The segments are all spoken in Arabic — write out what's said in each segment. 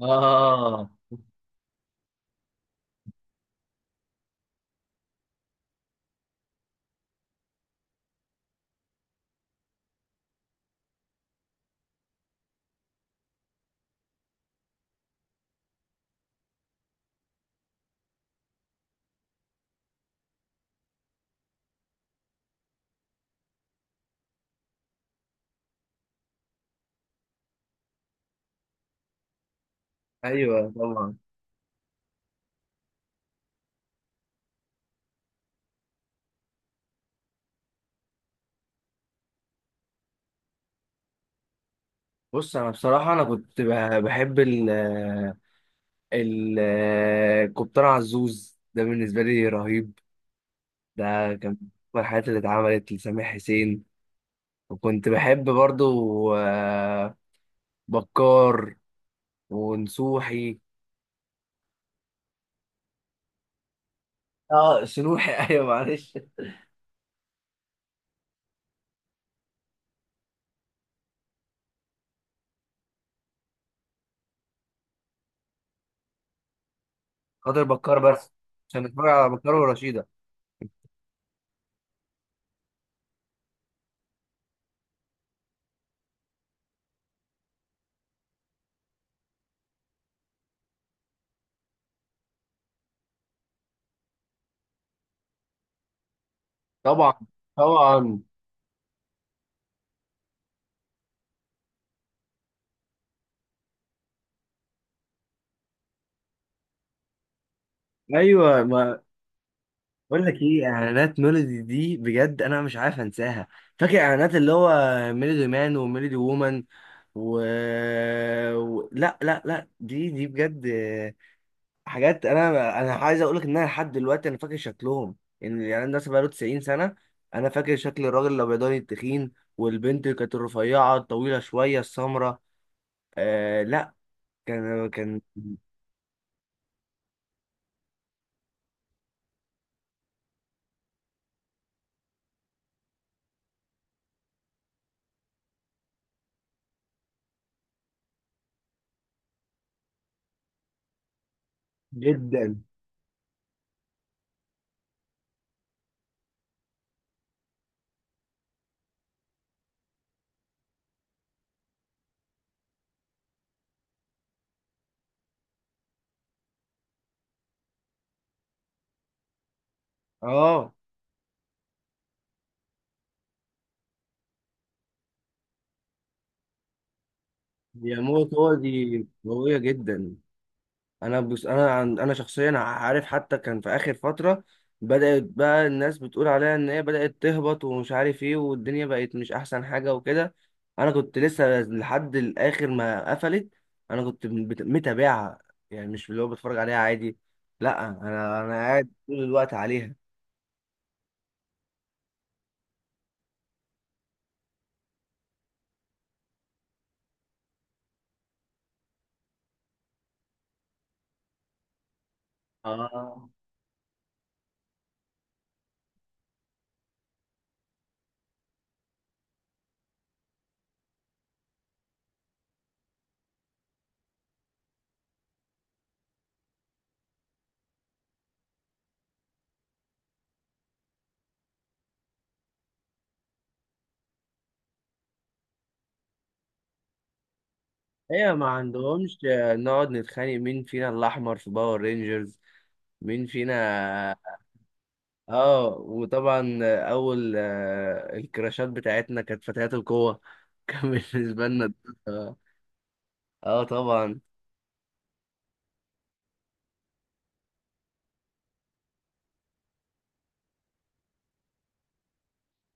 اه، ايوه، طبعا. بص، انا بصراحه بحب ال ال الكابتن عزوز ده بالنسبه لي رهيب. ده كان من أكبر الحاجات اللي اتعملت لسامح حسين. وكنت بحب برضو بكار ونسوحي. اه، سنوحي ايوه معلش. خاطر بكار بس، عشان اتفرج على بكار ورشيده. طبعا، طبعا. ايوه، ما بقول لك ايه، اعلانات ميلودي دي بجد انا مش عارف انساها. فاكر اعلانات اللي هو ميلودي مان وميلودي وومن و... لا لا لا، دي بجد حاجات. انا عايز اقول لك ان انا لحد دلوقتي انا فاكر شكلهم، ان الاعلان ده بقاله 90 سنه. انا فاكر شكل الراجل الابيضاني التخين، والبنت اللي كانت الرفيعه الطويله شويه السمراء. لا، كان جدا. اه، يا موت هو دي قويه جدا. انا بس، انا عن انا شخصيا، عارف حتى كان في اخر فتره بدات بقى الناس بتقول عليها ان هي بدات تهبط ومش عارف ايه والدنيا بقت مش احسن حاجه وكده. انا كنت لسه لحد الاخر ما قفلت انا متابعها، يعني مش اللي هو بتفرج عليها عادي. لا، انا قاعد طول الوقت عليها. اه، هي ما عندهمش نقعد نتخانق مين فينا الاحمر في باور رينجرز، مين فينا. اه، وطبعا اول الكراشات بتاعتنا كانت فتيات القوة كان بالنسبة لنا. اه، آه، طبعا.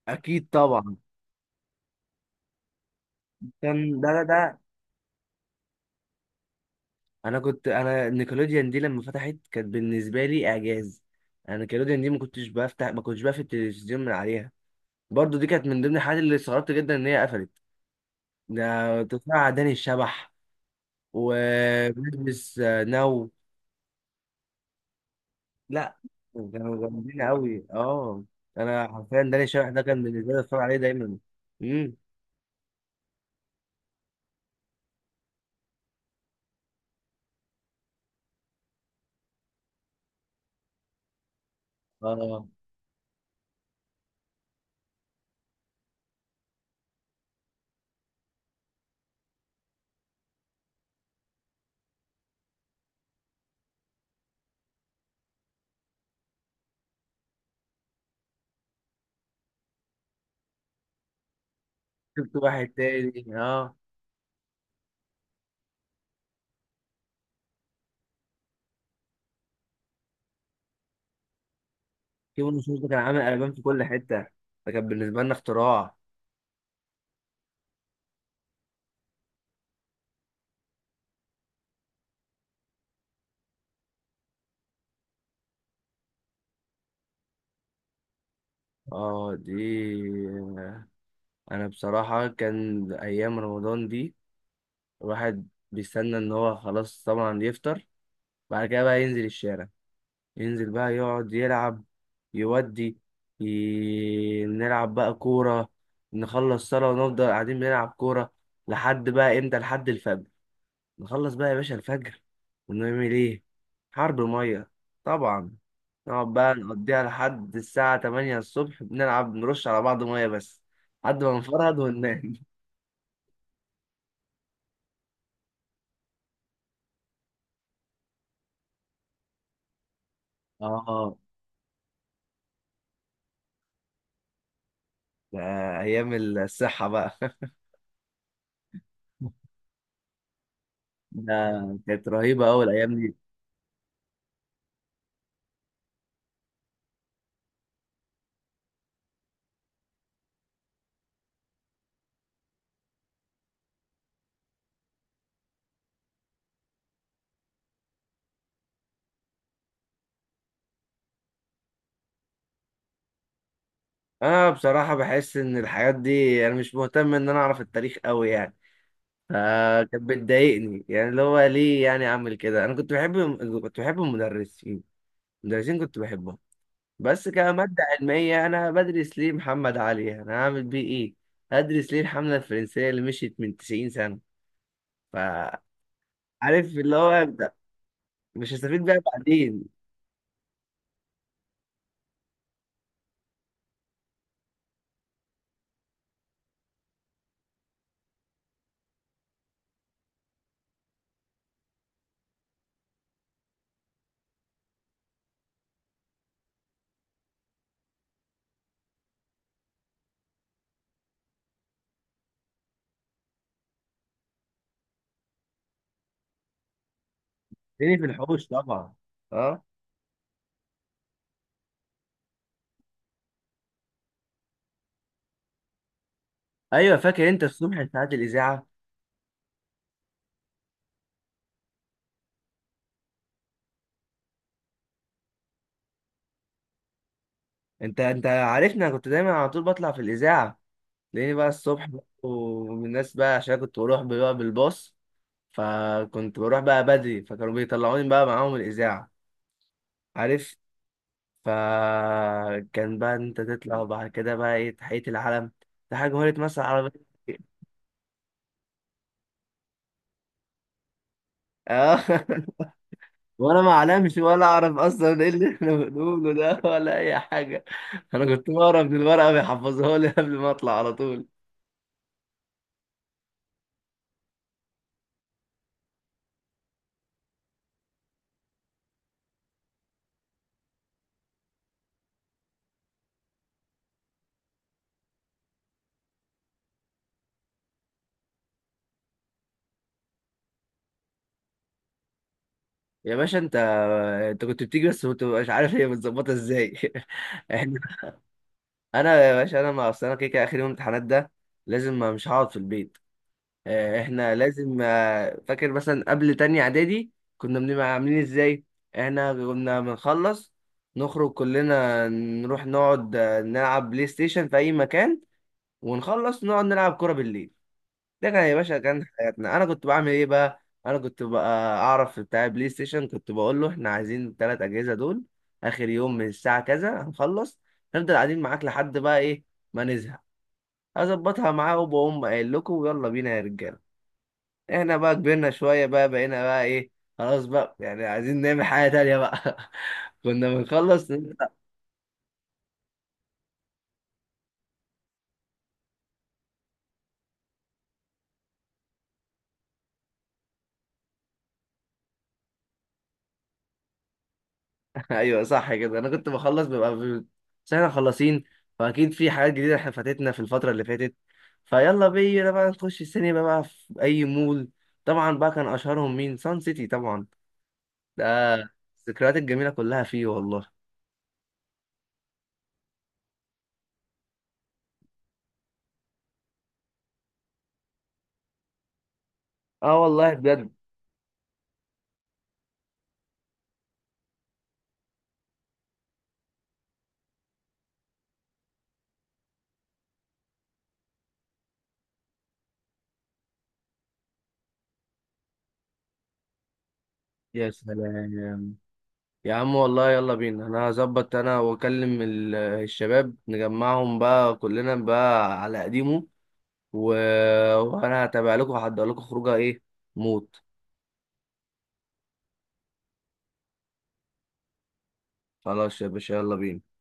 اكيد طبعا كان ده. انا نيكلوديان دي لما فتحت كانت بالنسبة لي اعجاز. انا نيكلوديان دي ما كنتش بقفل التلفزيون من عليها. برضو دي كانت من ضمن الحاجات اللي استغربت جدا ان هي قفلت. ده تطلع داني الشبح وبيلبس نو. لا كانوا جامدين قوي، اه. انا حرفيا داني شبح ده كان بالنسبه لي اتفرج عليه دايما. امم، اه، شفت واحد تاني، اه. كيمون شوز ده كان عامل قلبان في كل حته، ده كان بالنسبه لنا اختراع. اه، دي انا بصراحه كان ايام رمضان دي الواحد بيستنى ان هو خلاص طبعا يفطر. بعد كده بقى ينزل الشارع، ينزل بقى يقعد يلعب، يودي نلعب بقى كورة. نخلص صلاة ونفضل قاعدين بنلعب كورة لحد بقى امتى، لحد الفجر. نخلص بقى يا باشا الفجر، ونعمل ايه؟ حرب مية طبعا. نقعد بقى نقضيها لحد الساعة 8 الصبح بنلعب نرش على بعض مية بس، لحد ما نفرهد وننام. اه، ده أيام الصحة بقى. ده كانت رهيبة أوي الأيام دي. انا بصراحه بحس ان الحاجات دي انا مش مهتم ان انا اعرف التاريخ قوي يعني، فكانت بتضايقني يعني اللي هو ليه يعني اعمل كده. انا كنت بحب، كنت بحب المدرسين، المدرسين كنت بحبهم. بس كماده علميه انا بدرس ليه محمد علي، انا هعمل بيه ايه؟ هدرس ليه الحمله الفرنسيه اللي مشيت من 90 سنه؟ فعارف اللي هو أنت مش هستفيد بيها بعدين. تاني في الحوش طبعا. اه، ايوه فاكر انت الصبح ساعات الاذاعه. انت عارفني، انا كنت دايما على طول بطلع في الاذاعه. تلاقيني بقى الصبح، ومن الناس بقى، عشان كنت بروح بقى بالباص، فكنت بروح بقى بدري، فكانوا بيطلعوني بقى معاهم الإذاعة، عارف. فكان بقى إن انت تطلع، وبعد كده بقى ايه، تحية العلم. ده حاجة جمهورية مصر العربية، اه وانا ما اعلمش ولا اعرف اصلا ايه اللي احنا بنقوله ده ولا اي حاجه، انا كنت بقرا من الورقه بيحفظوها لي قبل ما اطلع على طول. يا باشا، انت كنت بتيجي بس كنت مش عارف هي متظبطه ازاي احنا، انا يا باشا، انا ما اصل انا كده كده اخر يوم امتحانات ده لازم ما مش هقعد في البيت. احنا لازم، فاكر مثلا قبل تانية اعدادي كنا بنبقى عاملين ازاي؟ احنا كنا بنخلص نخرج كلنا، نروح نقعد نلعب بلاي ستيشن في اي مكان، ونخلص نقعد نلعب كرة بالليل. ده كان يا باشا كان حياتنا. انا كنت بعمل ايه بقى؟ انا كنت بقى اعرف بتاع بلاي ستيشن، كنت بقول له احنا عايزين الثلاث اجهزه دول، اخر يوم من الساعه كذا هنخلص، نفضل قاعدين معاك لحد بقى ايه، ما نزهق. اظبطها معاه وبقوم قايل لكم ويلا بينا يا رجاله. احنا بقى كبرنا شويه بقى، بقينا بقى ايه، خلاص بقى يعني عايزين نعمل حاجه تانية بقى كنا بنخلص ايوه صح كده، انا كنت بخلص، بس احنا خلصين، فاكيد في حاجات جديده احنا فاتتنا في الفتره اللي فاتت، فيلا بينا بقى نخش السينما بقى في اي مول. طبعا بقى كان اشهرهم مين؟ سان سيتي طبعا. ده الذكريات الجميله كلها فيه والله. اه، والله بجد. يا سلام، يا عم والله يلا بينا، انا هظبط انا واكلم الشباب، نجمعهم بقى كلنا بقى على قديمه، و... وانا هتابع لكم وهحضر لكم خروجه ايه؟ موت. خلاص يا باشا يلا بينا.